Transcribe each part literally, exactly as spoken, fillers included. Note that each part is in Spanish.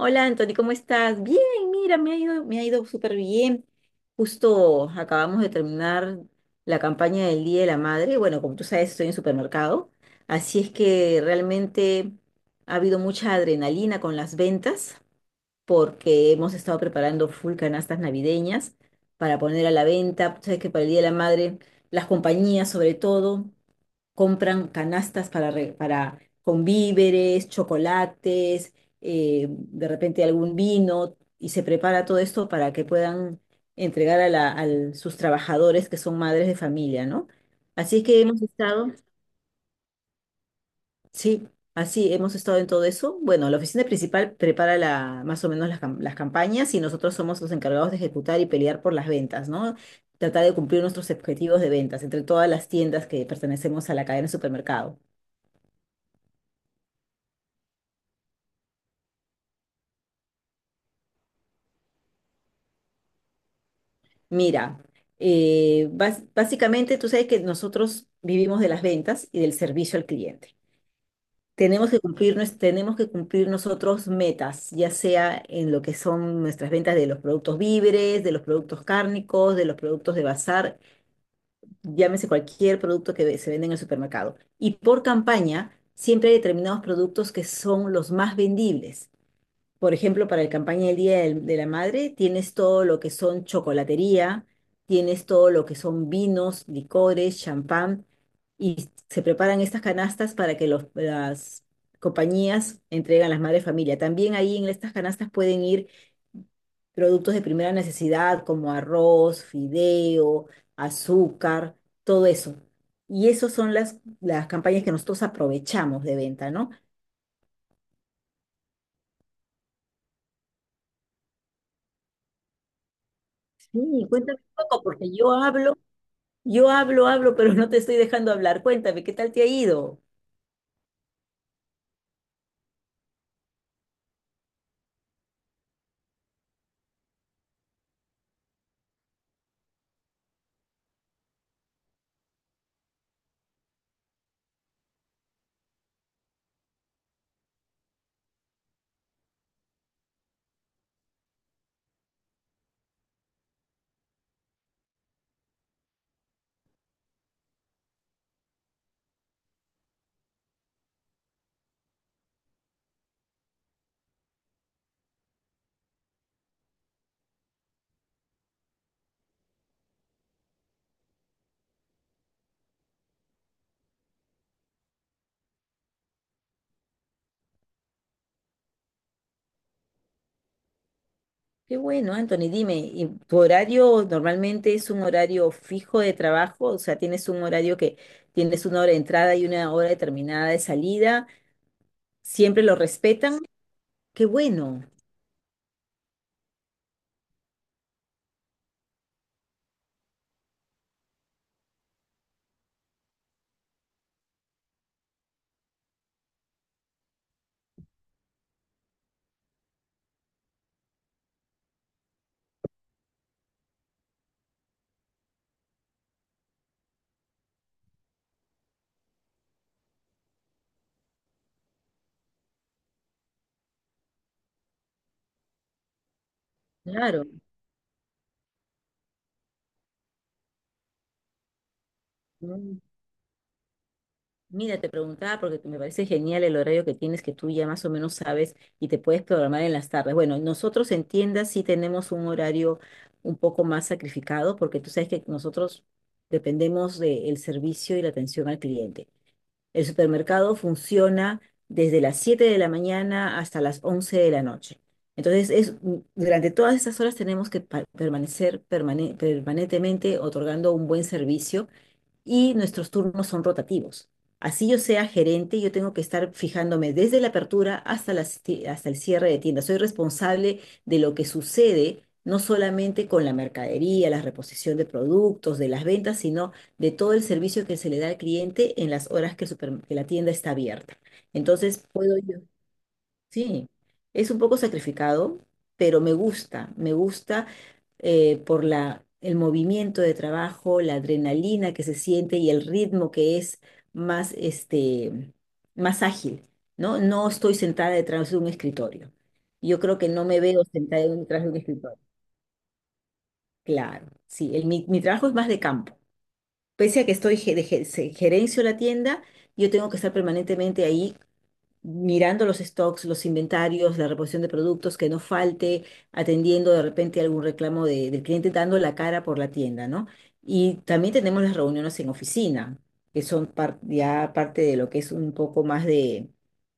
Hola Anthony, ¿cómo estás? Bien, mira, me ha ido, me ha ido súper bien. Justo acabamos de terminar la campaña del Día de la Madre. Bueno, como tú sabes, estoy en supermercado, así es que realmente ha habido mucha adrenalina con las ventas porque hemos estado preparando full canastas navideñas para poner a la venta. Tú sabes que para el Día de la Madre, las compañías sobre todo compran canastas para, re- para, con víveres, chocolates, eh, de repente algún vino, y se prepara todo esto para que puedan entregar a, la, a sus trabajadores que son madres de familia, ¿no? Así es que hemos estado, sí, así hemos estado en todo eso. Bueno, la oficina principal prepara la, más o menos las, cam- las campañas y nosotros somos los encargados de ejecutar y pelear por las ventas, ¿no? Tratar de cumplir nuestros objetivos de ventas entre todas las tiendas que pertenecemos a la cadena de supermercado. Mira, eh, bas- básicamente tú sabes que nosotros vivimos de las ventas y del servicio al cliente. Tenemos que cumplir, nues- tenemos que cumplir nosotros metas, ya sea en lo que son nuestras ventas de los productos víveres, de los productos cárnicos, de los productos de bazar, llámese cualquier producto que ve- se vende en el supermercado. Y por campaña, siempre hay determinados productos que son los más vendibles. Por ejemplo, para la campaña del Día del- de la Madre, tienes todo lo que son chocolatería, tienes todo lo que son vinos, licores, champán, y se preparan estas canastas para que los- las compañías entreguen a las madres de familia. También ahí en estas canastas pueden ir productos de primera necesidad como arroz, fideo, azúcar, todo eso. Y esas son las, las campañas que nosotros aprovechamos de venta, ¿no? Sí, cuéntame un poco, porque yo hablo. Yo hablo, hablo, pero no te estoy dejando hablar. Cuéntame, ¿qué tal te ha ido? Qué bueno, Anthony, dime, ¿y ¿tu horario normalmente es un horario fijo de trabajo? O sea, ¿tienes un horario que tienes una hora de entrada y una hora determinada de salida? ¿Siempre lo respetan? Qué bueno, claro. Mm, mira, te preguntaba porque me parece genial el horario que tienes, que tú ya más o menos sabes y te puedes programar en las tardes. Bueno, nosotros en tiendas sí tenemos un horario un poco más sacrificado porque tú sabes que nosotros dependemos del servicio y la atención al cliente. El supermercado funciona desde las siete de la mañana hasta las once de la noche. Entonces, es, durante todas esas horas tenemos que pa- permanecer permane- permanentemente otorgando un buen servicio y nuestros turnos son rotativos. Así yo sea gerente, yo tengo que estar fijándome desde la apertura hasta la ci- hasta el cierre de tienda. Soy responsable de lo que sucede, no solamente con la mercadería, la reposición de productos, de las ventas, sino de todo el servicio que se le da al cliente en las horas que, el supermer- que la tienda está abierta. Entonces, puedo yo Sí, es un poco sacrificado, pero me gusta, me gusta eh, por la, el movimiento de trabajo, la adrenalina que se siente y el ritmo que es más, este, más ágil, ¿no? No estoy sentada detrás de un escritorio. Yo creo que no me veo sentada detrás de un escritorio. Claro, sí, el, mi, mi trabajo es más de campo. Pese a que estoy ge- de ge- se- gerencio la tienda, yo tengo que estar permanentemente ahí mirando los stocks, los inventarios, la reposición de productos, que no falte, atendiendo de repente algún reclamo de- del cliente, dando la cara por la tienda, ¿no? Y también tenemos las reuniones en oficina, que son par- ya parte de lo que es un poco más de,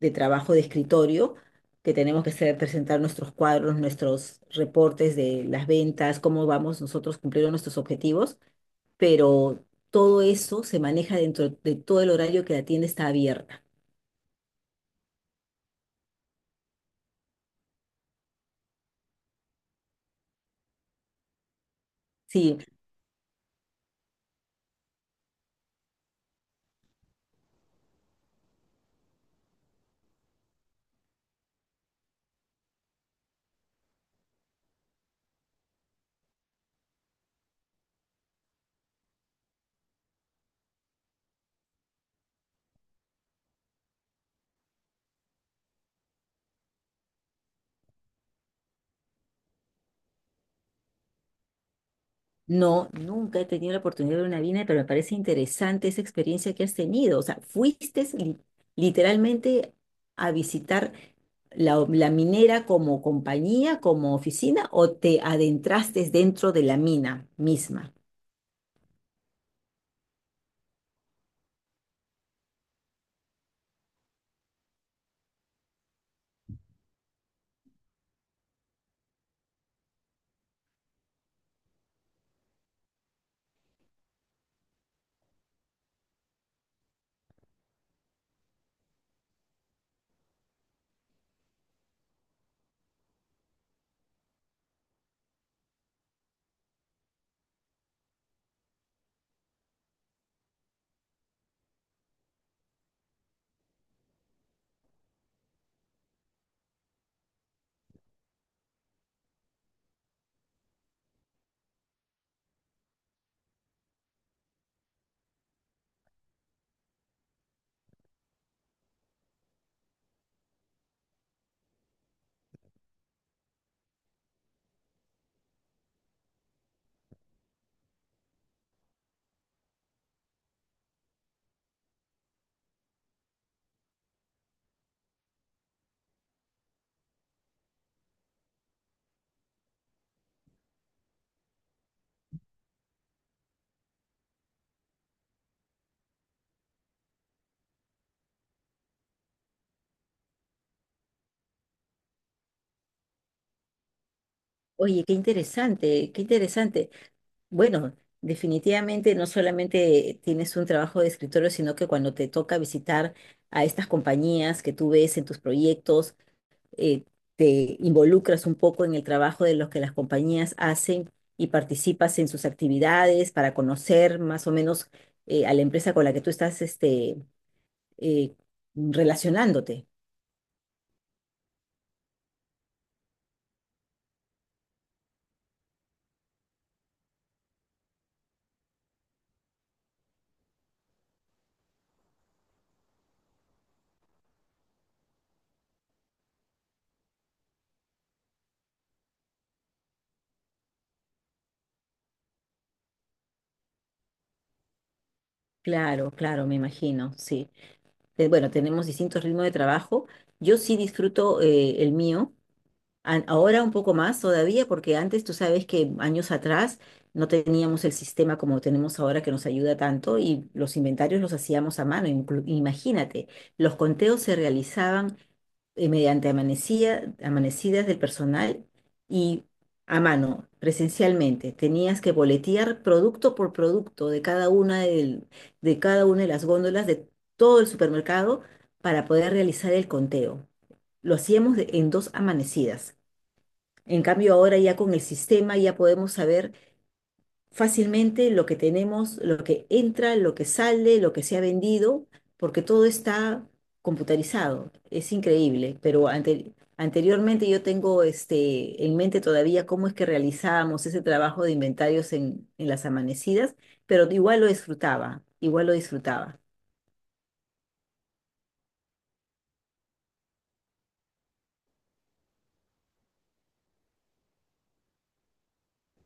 de trabajo de escritorio, que tenemos que hacer, presentar nuestros cuadros, nuestros reportes de las ventas, cómo vamos nosotros cumpliendo nuestros objetivos, pero todo eso se maneja dentro de todo el horario que la tienda está abierta. Sí, no, nunca he tenido la oportunidad de ver una vina, pero me parece interesante esa experiencia que has tenido. O sea, fuiste li- literalmente a visitar la, o- la minera como compañía, como oficina, o te adentraste dentro de la mina misma. Oye, qué interesante, qué interesante. Bueno, definitivamente no solamente tienes un trabajo de escritorio, sino que cuando te toca visitar a estas compañías que tú ves en tus proyectos, eh, te involucras un poco en el trabajo de los que las compañías hacen y participas en sus actividades para conocer más o menos eh, a la empresa con la que tú estás este, eh, relacionándote. Claro, claro, me imagino, sí. Eh, Bueno, tenemos distintos ritmos de trabajo. Yo sí disfruto eh, el mío. An- Ahora un poco más todavía, porque antes tú sabes que años atrás no teníamos el sistema como tenemos ahora que nos ayuda tanto y los inventarios los hacíamos a mano. inclu- Imagínate, los conteos se realizaban eh, mediante amanecía, amanecidas del personal y a mano, presencialmente. Tenías que boletear producto por producto de cada una del- de cada una de las góndolas de todo el supermercado para poder realizar el conteo. Lo hacíamos de- en dos amanecidas. En cambio, ahora ya con el sistema ya podemos saber fácilmente lo que tenemos, lo que entra, lo que sale, lo que se ha vendido, porque todo está computarizado. Es increíble, pero ante- anteriormente yo tengo este, en mente todavía cómo es que realizábamos ese trabajo de inventarios en, en las amanecidas, pero igual lo disfrutaba, igual lo disfrutaba.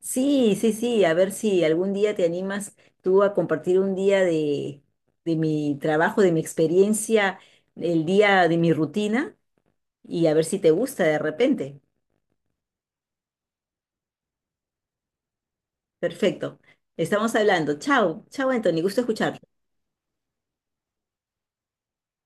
Sí, sí, sí, a ver si algún día te animas tú a compartir un día de, de mi trabajo, de mi experiencia, el día de mi rutina y a ver si te gusta de repente. Perfecto. Estamos hablando. Chao, chao, Anthony, gusto escuchar.